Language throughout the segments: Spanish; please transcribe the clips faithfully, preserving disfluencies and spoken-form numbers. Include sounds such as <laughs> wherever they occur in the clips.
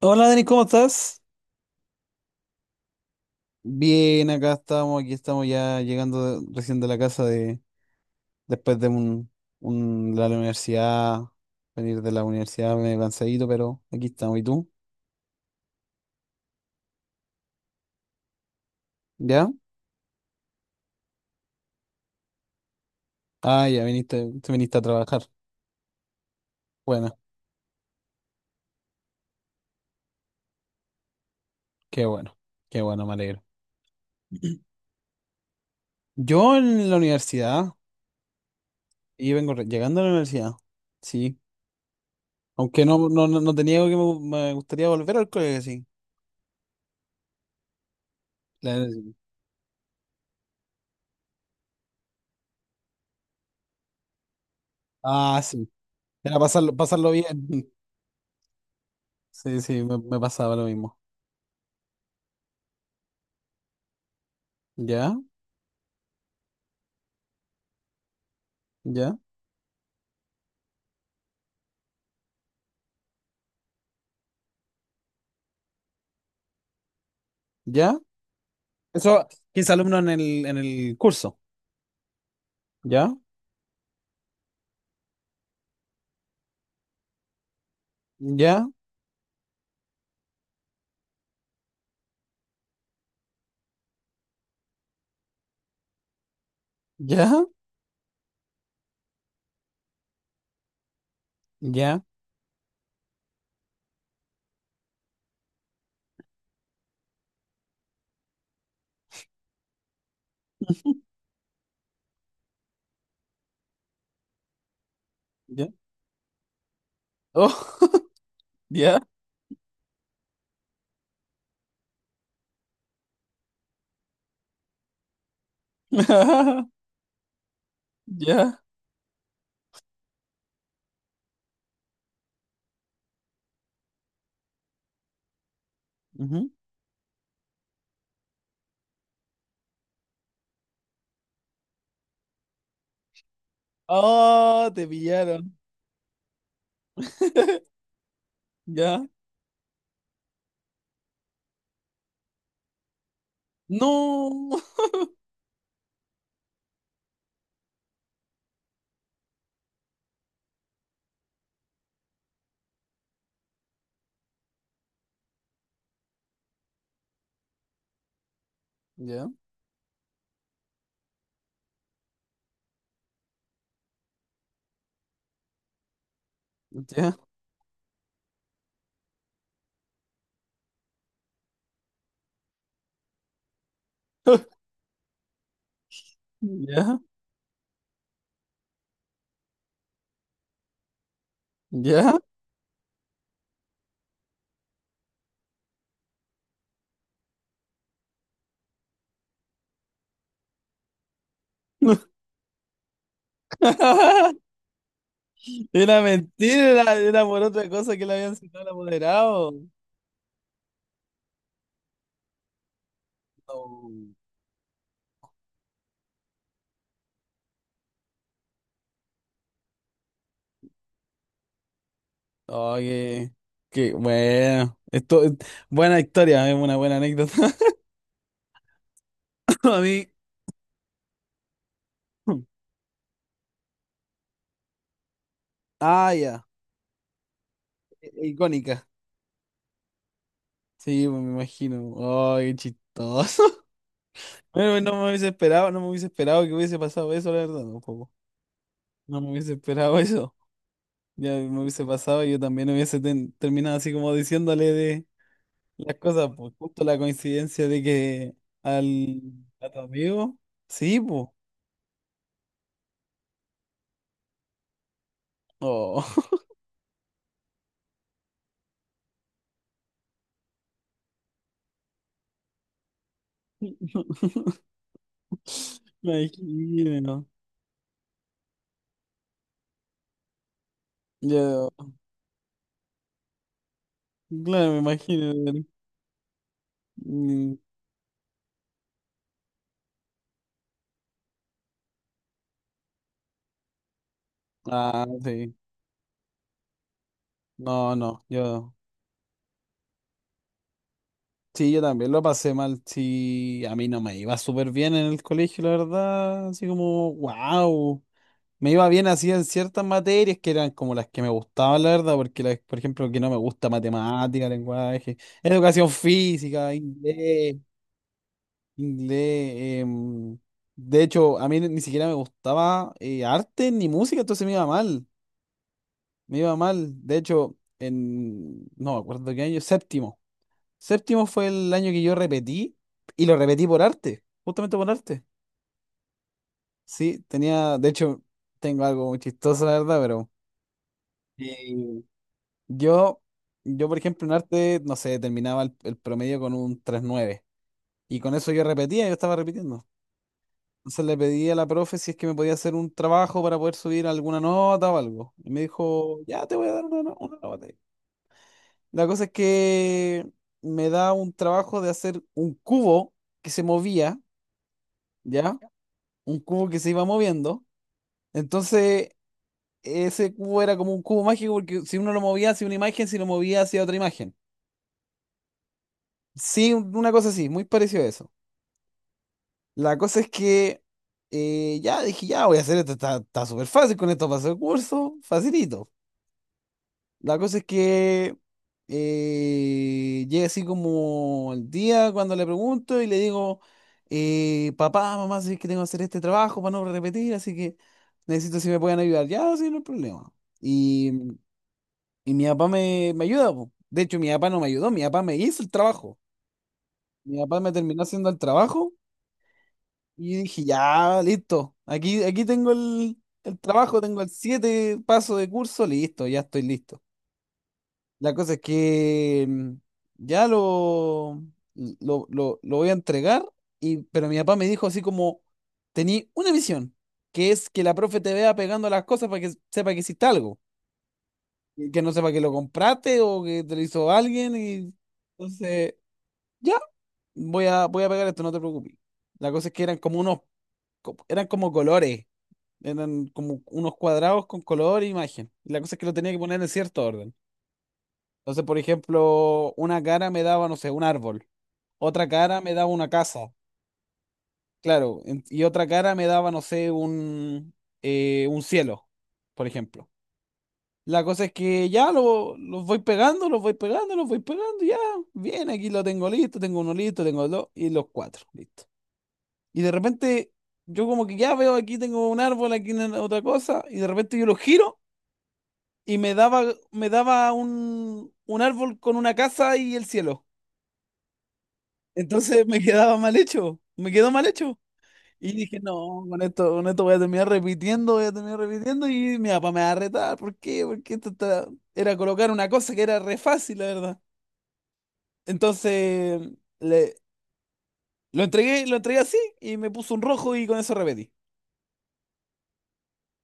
Hola Dani, ¿cómo estás? Bien, acá estamos, aquí estamos ya llegando de- recién de la casa de después de un, un- de la universidad, venir de la universidad medio cansadito, pero aquí estamos. ¿Y tú? ¿Ya? Ah, ya viniste, te viniste a trabajar. Bueno, qué bueno, qué bueno, me alegro. Yo en la universidad, y vengo re- llegando a la universidad, sí. Aunque no, no, no, no te niego que me, gu- me gustaría volver al colegio, sí. La- ah, sí. Era pasarlo, pasarlo bien. <laughs> Sí, sí, me, me pasaba lo mismo. Ya, ya, ya. Eso, quince alumnos en el, en el curso. Ya, ya, ya, ya, ya. Oh, <laughs> ya, <laughs> ya. Ujú. Oh, te pillaron. <laughs> Ya. No. <laughs> Ya, ya, <laughs> ya, ya. <laughs> Era mentira, era, era por otra cosa que le habían citado a la moderado. No. Oye, qué bueno. Esto, eh, buena historia, es una buena anécdota. <laughs> A mí. Ah, ya. I- Icónica. Sí, pues, me imagino. Ay, qué chistoso. <laughs> Bueno, no me hubiese esperado, no me hubiese esperado que hubiese pasado eso, la verdad, tampoco. No me hubiese esperado <laughs> eso. Ya me hubiese pasado y yo también hubiese ten- terminado así como diciéndole de las cosas, pues justo la coincidencia de que al a tu amigo. Sí, pues. Oh. <laughs> Me imagino. Yo, claro, me imagino. Mm, ah, sí. No, no, yo. Sí, yo también lo pasé mal. Sí, a mí no me iba súper bien en el colegio, la verdad. Así como, wow. Me iba bien así en ciertas materias que eran como las que me gustaban, la verdad, porque, la- por ejemplo, que no me gusta matemática, lenguaje, educación física, inglés. Inglés. em, de hecho, a mí ni siquiera me gustaba eh, arte ni música, entonces me iba mal. Me iba mal. De hecho, en. No me acuerdo qué año. Séptimo. Séptimo fue el año que yo repetí y lo repetí por arte. Justamente por arte. Sí, tenía. De hecho, tengo algo muy chistoso, la verdad, pero. eh, yo, yo, por ejemplo, en arte, no sé, terminaba el, el promedio con un tres nueve. Y con eso yo repetía, yo estaba repitiendo. Entonces le pedí a la profe si es que me podía hacer un trabajo para poder subir alguna nota o algo. Y me dijo, ya te voy a dar una, no- una nota. La cosa es que me da un trabajo de hacer un cubo que se movía, ¿ya? Un cubo que se iba moviendo. Entonces, ese cubo era como un cubo mágico porque si uno lo movía hacia una imagen, si lo movía hacia otra imagen. Sí, un- una cosa así, muy parecido a eso. La cosa es que eh, ya dije, ya voy a hacer esto, está está súper fácil con esto paso el curso, facilito. La cosa es que eh, llega así como el día cuando le pregunto y le digo, eh, papá, mamá, sé que tengo que hacer este trabajo para no repetir, así que necesito si me pueden ayudar. Ya, sí, no hay problema. Y, y mi papá me, me ayuda, po. De hecho, mi papá no me ayudó, mi papá me hizo el trabajo. Mi papá me terminó haciendo el trabajo y dije, ya, listo. Aquí, aquí tengo el, el trabajo, tengo el siete, paso de curso, listo, ya estoy listo. La cosa es que mm, ya lo, lo, lo- lo voy a entregar, y, pero mi papá me dijo así como, tení una misión, que es que la profe te vea pegando las cosas para que sepa que hiciste algo, y que no sepa que lo compraste o que te lo hizo alguien, y entonces, ya, voy a, voy a pegar esto, no te preocupes. La cosa es que eran como unos, co- eran como colores, eran como unos cuadrados con color e imagen. Y la cosa es que lo tenía que poner en cierto orden. Entonces, por ejemplo, una cara me daba, no sé, un árbol, otra cara me daba una casa, claro, en- y otra cara me daba, no sé, un, eh, un cielo, por ejemplo. La cosa es que ya lo- los voy pegando, los voy pegando, los voy pegando, ya, bien, aquí lo tengo listo, tengo uno listo, tengo dos, y los cuatro, listo. Y de repente, yo como que ya veo, aquí tengo un árbol, aquí una- otra cosa, y de repente yo lo giro y me daba, me daba un, un árbol con una casa y el cielo. Entonces me quedaba mal hecho, me quedó mal hecho. Y dije, no, con esto, con esto voy a terminar repitiendo, voy a terminar repitiendo y mi papá me va a retar. ¿Por qué? Porque esto está- era colocar una cosa que era re fácil, la verdad. Entonces le, lo entregué, lo entregué así y me puso un rojo y con eso repetí.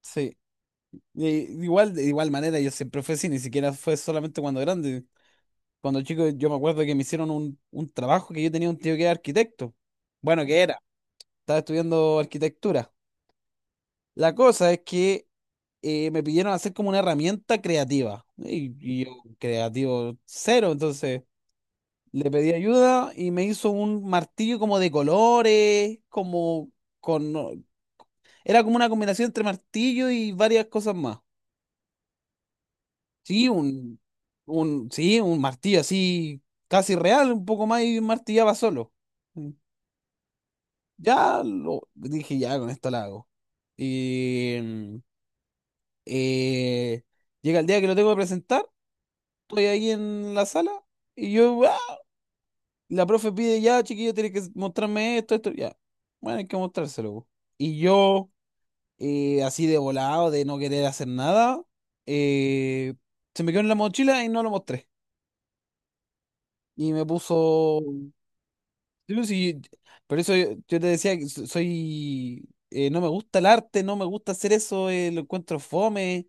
Sí. Y igual, de igual manera, yo siempre fui así, ni siquiera fue solamente cuando grande. Cuando chico, yo me acuerdo que me hicieron un, un trabajo que yo tenía un tío que era arquitecto. Bueno, que era, estaba estudiando arquitectura. La cosa es que eh, me pidieron hacer como una herramienta creativa. Y, y yo, creativo cero, entonces le pedí ayuda y me hizo un martillo como de colores, como con... no, era como una combinación entre martillo y varias cosas más. Sí, un, un, sí, un martillo así casi real, un poco más y martillaba solo. Mm. Ya lo dije, ya con esto la hago. Y mm, eh, llega el día que lo tengo que presentar. Estoy ahí en la sala y yo, ¡ah! La profe pide, ya, chiquillo, tiene que mostrarme esto, esto, ya. Bueno, hay que mostrárselo, po. Y yo, eh, así de volado, de no querer hacer nada, eh, se me quedó en la mochila y no lo mostré. Y me puso... Yo sí- por eso yo, yo te decía que so- soy... eh, no me gusta el arte, no me gusta hacer eso, eh, lo encuentro fome.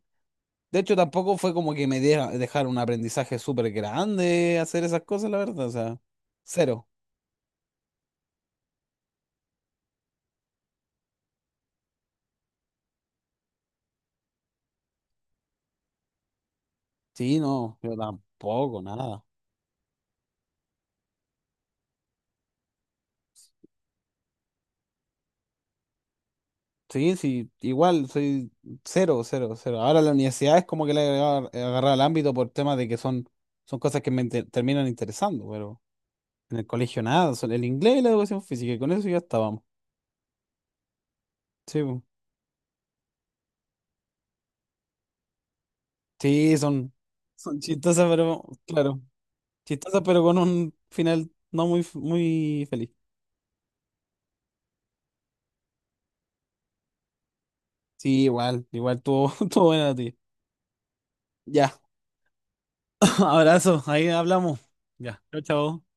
De hecho, tampoco fue como que me deja, dejar un aprendizaje súper grande hacer esas cosas, la verdad. O sea, cero. Sí, no, yo tampoco, nada. Sí, sí, igual, soy cero, cero, cero. Ahora la universidad es como que le he agarrado, he agarrado el ámbito por temas de que son, son cosas que me inter- terminan interesando, pero en el colegio nada, son el inglés y la educación física, y con eso ya estábamos. Sí, po. Sí, son, son chistosas, pero claro, chistosas, pero con un final no muy, f- muy feliz. Sí, igual, igual, tuvo, <laughs> tuvo buena la tuya. Ya, <laughs> abrazo, ahí hablamos. Ya, chao, chao.